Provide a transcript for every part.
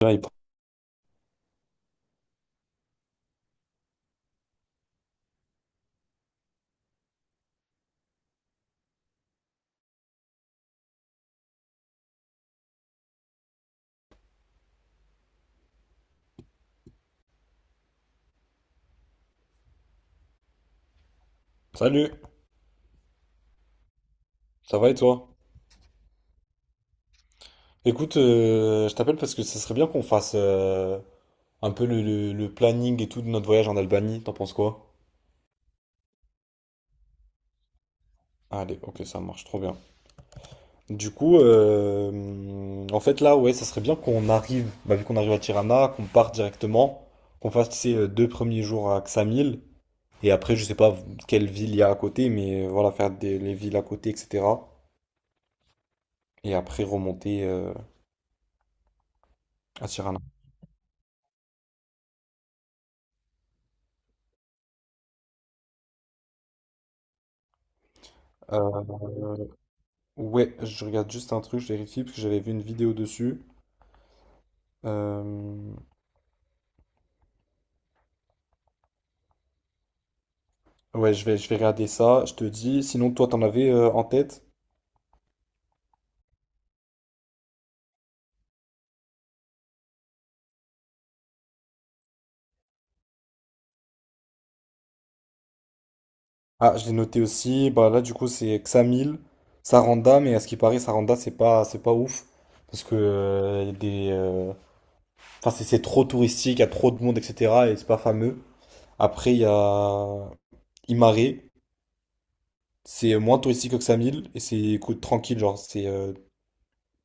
Là, Salut, ça va et toi? Écoute, je t'appelle parce que ça serait bien qu'on fasse un peu le planning et tout de notre voyage en Albanie, t'en penses quoi? Allez, ok, ça marche trop bien. Du coup, en fait là, ouais, ça serait bien qu'on arrive, bah, vu qu'on arrive à Tirana, qu'on parte directement, qu'on fasse ces deux premiers jours à Ksamil, et après, je sais pas quelle ville il y a à côté, mais voilà, faire les villes à côté, etc. Et après remonter à Tirana. Euh, Ouais, je regarde juste un truc, je vérifie parce que j'avais vu une vidéo dessus. Euh, Ouais, je vais regarder ça, je te dis. Sinon, toi, t'en avais en tête? Ah, je l'ai noté aussi. Bah là, du coup, c'est Xamil, Saranda, mais à ce qui paraît, Saranda, c'est pas ouf. Parce que y a enfin, c'est trop touristique, il y a trop de monde, etc. Et c'est pas fameux. Après, il y a Imare, c'est moins touristique que Xamil, et c'est écoute, tranquille, genre, c'est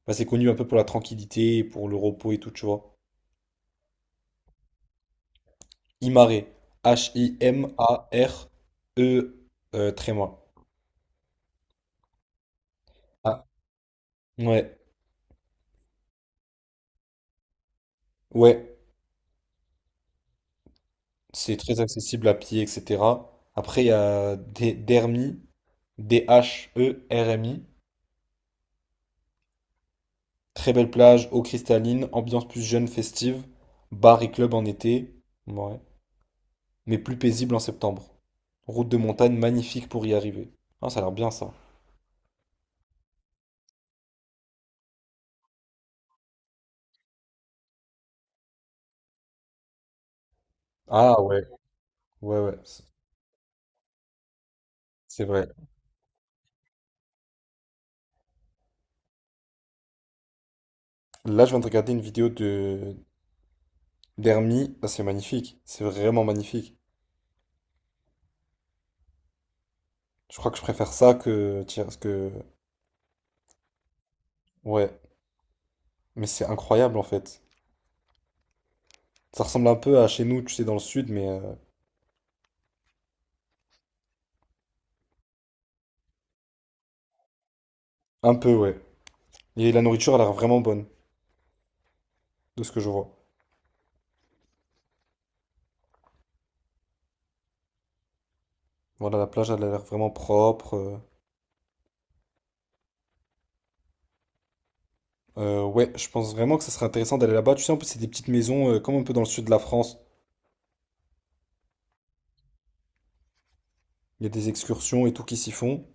bah, c'est connu un peu pour la tranquillité, pour le repos et tout, tu vois. Himaré. H-I-M-A-R-E, tréma. Ah, ouais, ouais, c'est très accessible à pied, etc. Après, il y a des Dermi, D-H-E-R-M-I. Très belle plage, eau cristalline, ambiance plus jeune, festive, bar et club en été, ouais, mais plus paisible en septembre. Route de montagne magnifique pour y arriver. Ah, ça a l'air bien ça. Ah ouais, ouais, ouais, c'est vrai. Là, je viens de regarder une vidéo de d'Hermie. Ah, c'est magnifique, c'est vraiment magnifique. Je crois que je préfère ça que, tiens, parce que, ouais, mais c'est incroyable en fait. Ça ressemble un peu à chez nous, tu sais, dans le sud, mais un peu, ouais. Et la nourriture elle a l'air vraiment bonne, de ce que je vois. Voilà, la plage, elle a l'air vraiment propre. Ouais, je pense vraiment que ça serait intéressant d'aller là-bas. Tu sais, en plus, c'est des petites maisons, comme un peu dans le sud de la France. Il y a des excursions et tout qui s'y font.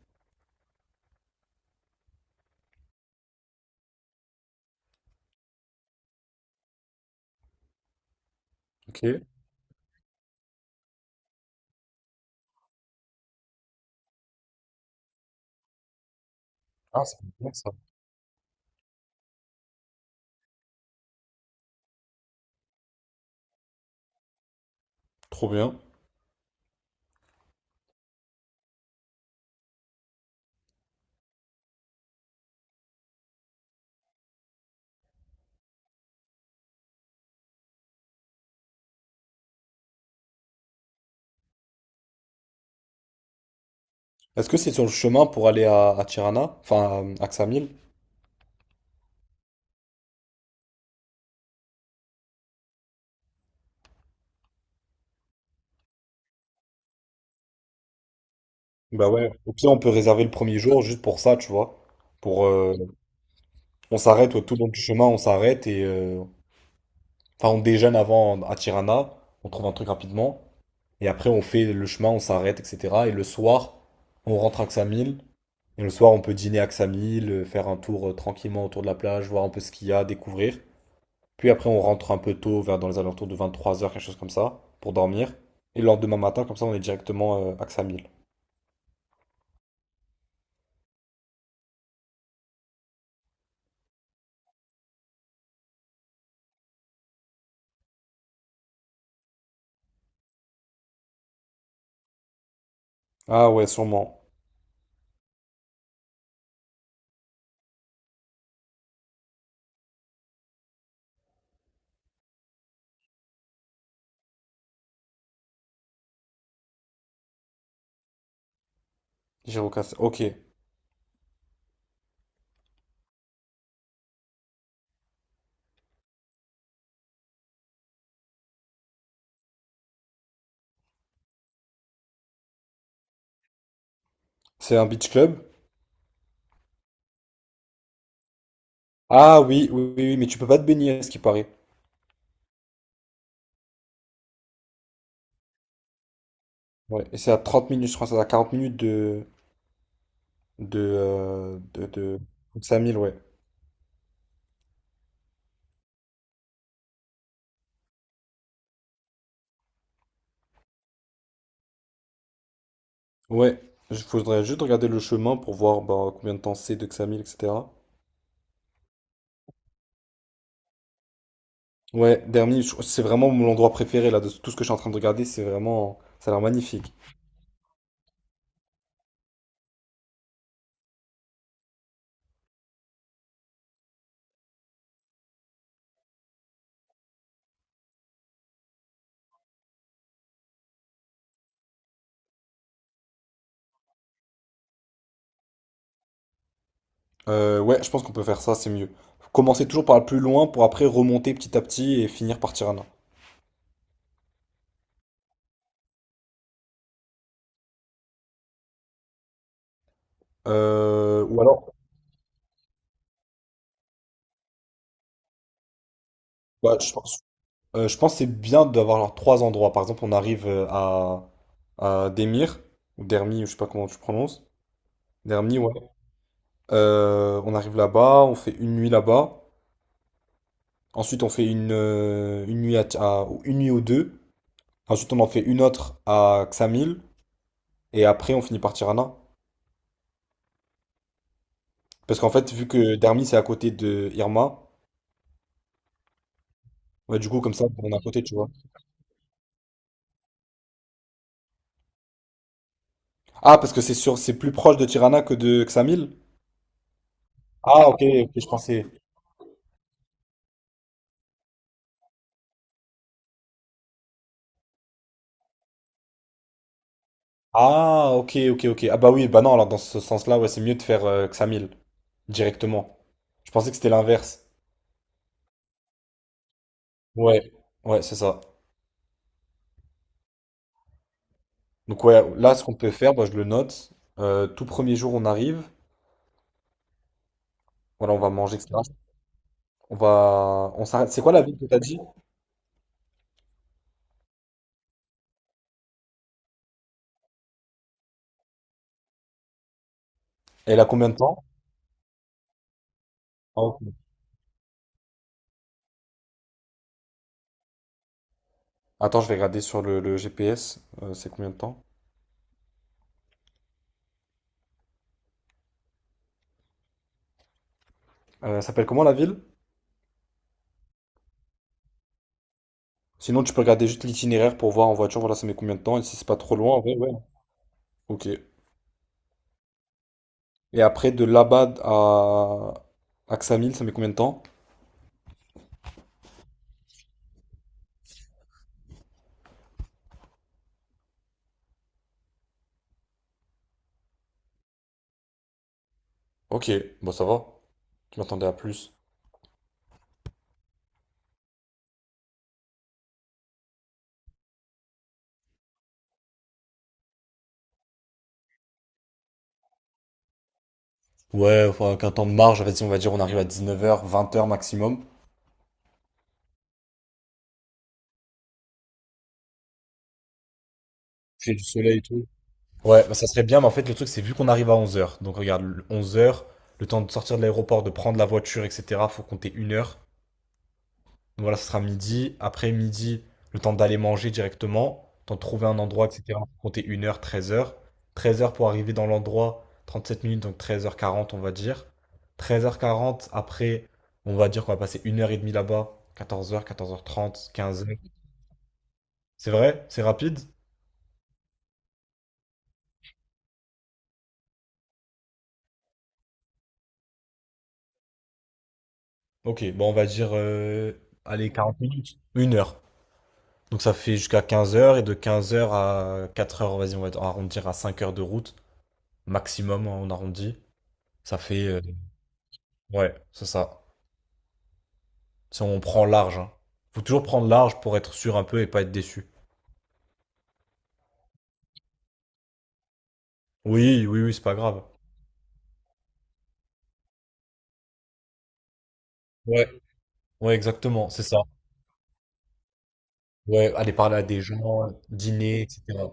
Ok. Ah, c'est bien ça. Trop bien. Est-ce que c'est sur le chemin pour aller à Tirana, enfin à Ksamil? Bah ouais. Au pire, on peut réserver le premier jour juste pour ça, tu vois. Pour, euh, On s'arrête ouais, tout le long du chemin, on s'arrête et enfin on déjeune avant à Tirana, on trouve un truc rapidement et après on fait le chemin, on s'arrête, etc. Et le soir, on rentre à Ksamil et le soir on peut dîner à Ksamil, faire un tour tranquillement autour de la plage, voir un peu ce qu'il y a, découvrir. Puis après on rentre un peu tôt, vers dans les alentours de 23 heures, quelque chose comme ça, pour dormir. Et le lendemain matin, comme ça on est directement à Ksamil. Ah ouais, sûrement. Girocast. Ok. C'est un beach club? Ah oui, oui, oui, oui, mais tu peux pas te baigner, à ce qui paraît. Ouais, et c'est à 30 minutes, je crois, c'est à 40 minutes de, de Xamil, ouais. Ouais, il faudrait juste regarder le chemin pour voir bah, combien de temps c'est de Xamil, etc. Ouais, Dermi, c'est vraiment mon endroit préféré là, de tout ce que je suis en train de regarder, c'est vraiment, ça a l'air magnifique. Ouais, je pense qu'on peut faire ça, c'est mieux. Commencer toujours par le plus loin pour après remonter petit à petit et finir par Tirana. Ou alors, bah, je pense. Je pense que c'est bien d'avoir genre 3 endroits. Par exemple, on arrive à Demir, ou Dermi, ou je sais pas comment tu prononces. Dermi, ouais. On arrive là-bas, on fait une nuit là-bas. Ensuite, on fait une nuit ou une nuit ou deux. Ensuite, on en fait une autre à Xamil. Et après, on finit par Tirana. Parce qu'en fait, vu que Dermi, c'est à côté de Irma, ouais, du coup, comme ça, on est à côté, tu vois. Ah, parce que c'est sûr, c'est plus proche de Tirana que de Xamil? Ah, ok, ok, je pensais. Ah, ok, ok, ok. Ah bah oui, bah non, alors dans ce sens-là, ouais, c'est mieux de faire Xamil directement. Je pensais que c'était l'inverse. Ouais. Ouais, c'est ça. Donc ouais, là, ce qu'on peut faire, bah, je le note. Tout premier jour, on arrive. Voilà, on va manger, etc. On s'arrête. C'est quoi la ville que t'as dit? Elle a combien de temps? Ah, ok. Attends, je vais regarder sur le GPS. C'est combien de temps? Elle s'appelle comment la ville? Sinon, tu peux regarder juste l'itinéraire pour voir en voiture, voilà, ça met combien de temps. Et si c'est pas trop loin, en vrai, ouais. Ok. Et après, de Labad à Axamil, ça met combien de temps? Ok, bon, ça va. Je m'attendais à plus. Ouais, enfin, qu'un temps de marge, vas-y, on va dire, on arrive à 19h, 20h maximum. J'ai du soleil et tout. Ouais, bah, ça serait bien, mais en fait, le truc, c'est vu qu'on arrive à 11h. Donc, regarde, 11h, le temps de sortir de l'aéroport, de prendre la voiture, etc., faut compter 1 heure. Donc voilà, ce sera midi. Après midi, le temps d'aller manger directement, temps de trouver un endroit, etc. Faut compter une heure treize heures pour arriver dans l'endroit, 37 minutes, donc 13h40 on va dire. 13h40 après, on va dire qu'on va passer 1 heure et demie là-bas. 14h 14h30 15h. C'est vrai? C'est rapide? Ok, bon, on va dire, allez, 40 minutes. Une heure donc ça fait jusqu'à 15h et de 15h à 4h vas-y, on va arrondir à 5 heures de route. Maximum, hein, on arrondit. Ça fait. Ouais, c'est ça. Si on prend large, hein. Faut toujours prendre large pour être sûr un peu et pas être déçu. Oui, oui, oui, c'est pas grave. Ouais, ouais, exactement, c'est ça. Ouais, aller parler à des gens, dîner, etc.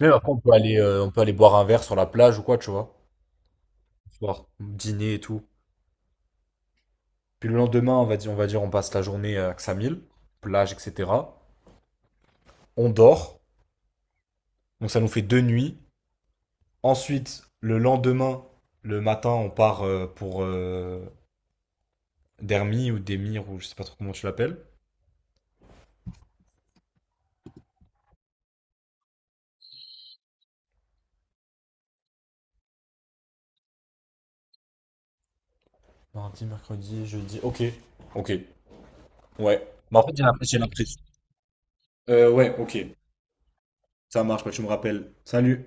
Même après, on peut aller boire un verre sur la plage ou quoi, tu vois. Le soir, dîner et tout. Puis le lendemain, on va dire, on passe la journée à Xamil, plage, etc. On dort, donc ça nous fait deux nuits. Ensuite, le lendemain, le matin, on part pour Dermi ou Demir ou je sais pas trop comment tu l'appelles. Mardi, mercredi, jeudi. Ok. Ok. Ouais. Bah, en fait, j'ai l'impression. Ouais, ok. Ça marche, bah, tu me rappelles. Salut.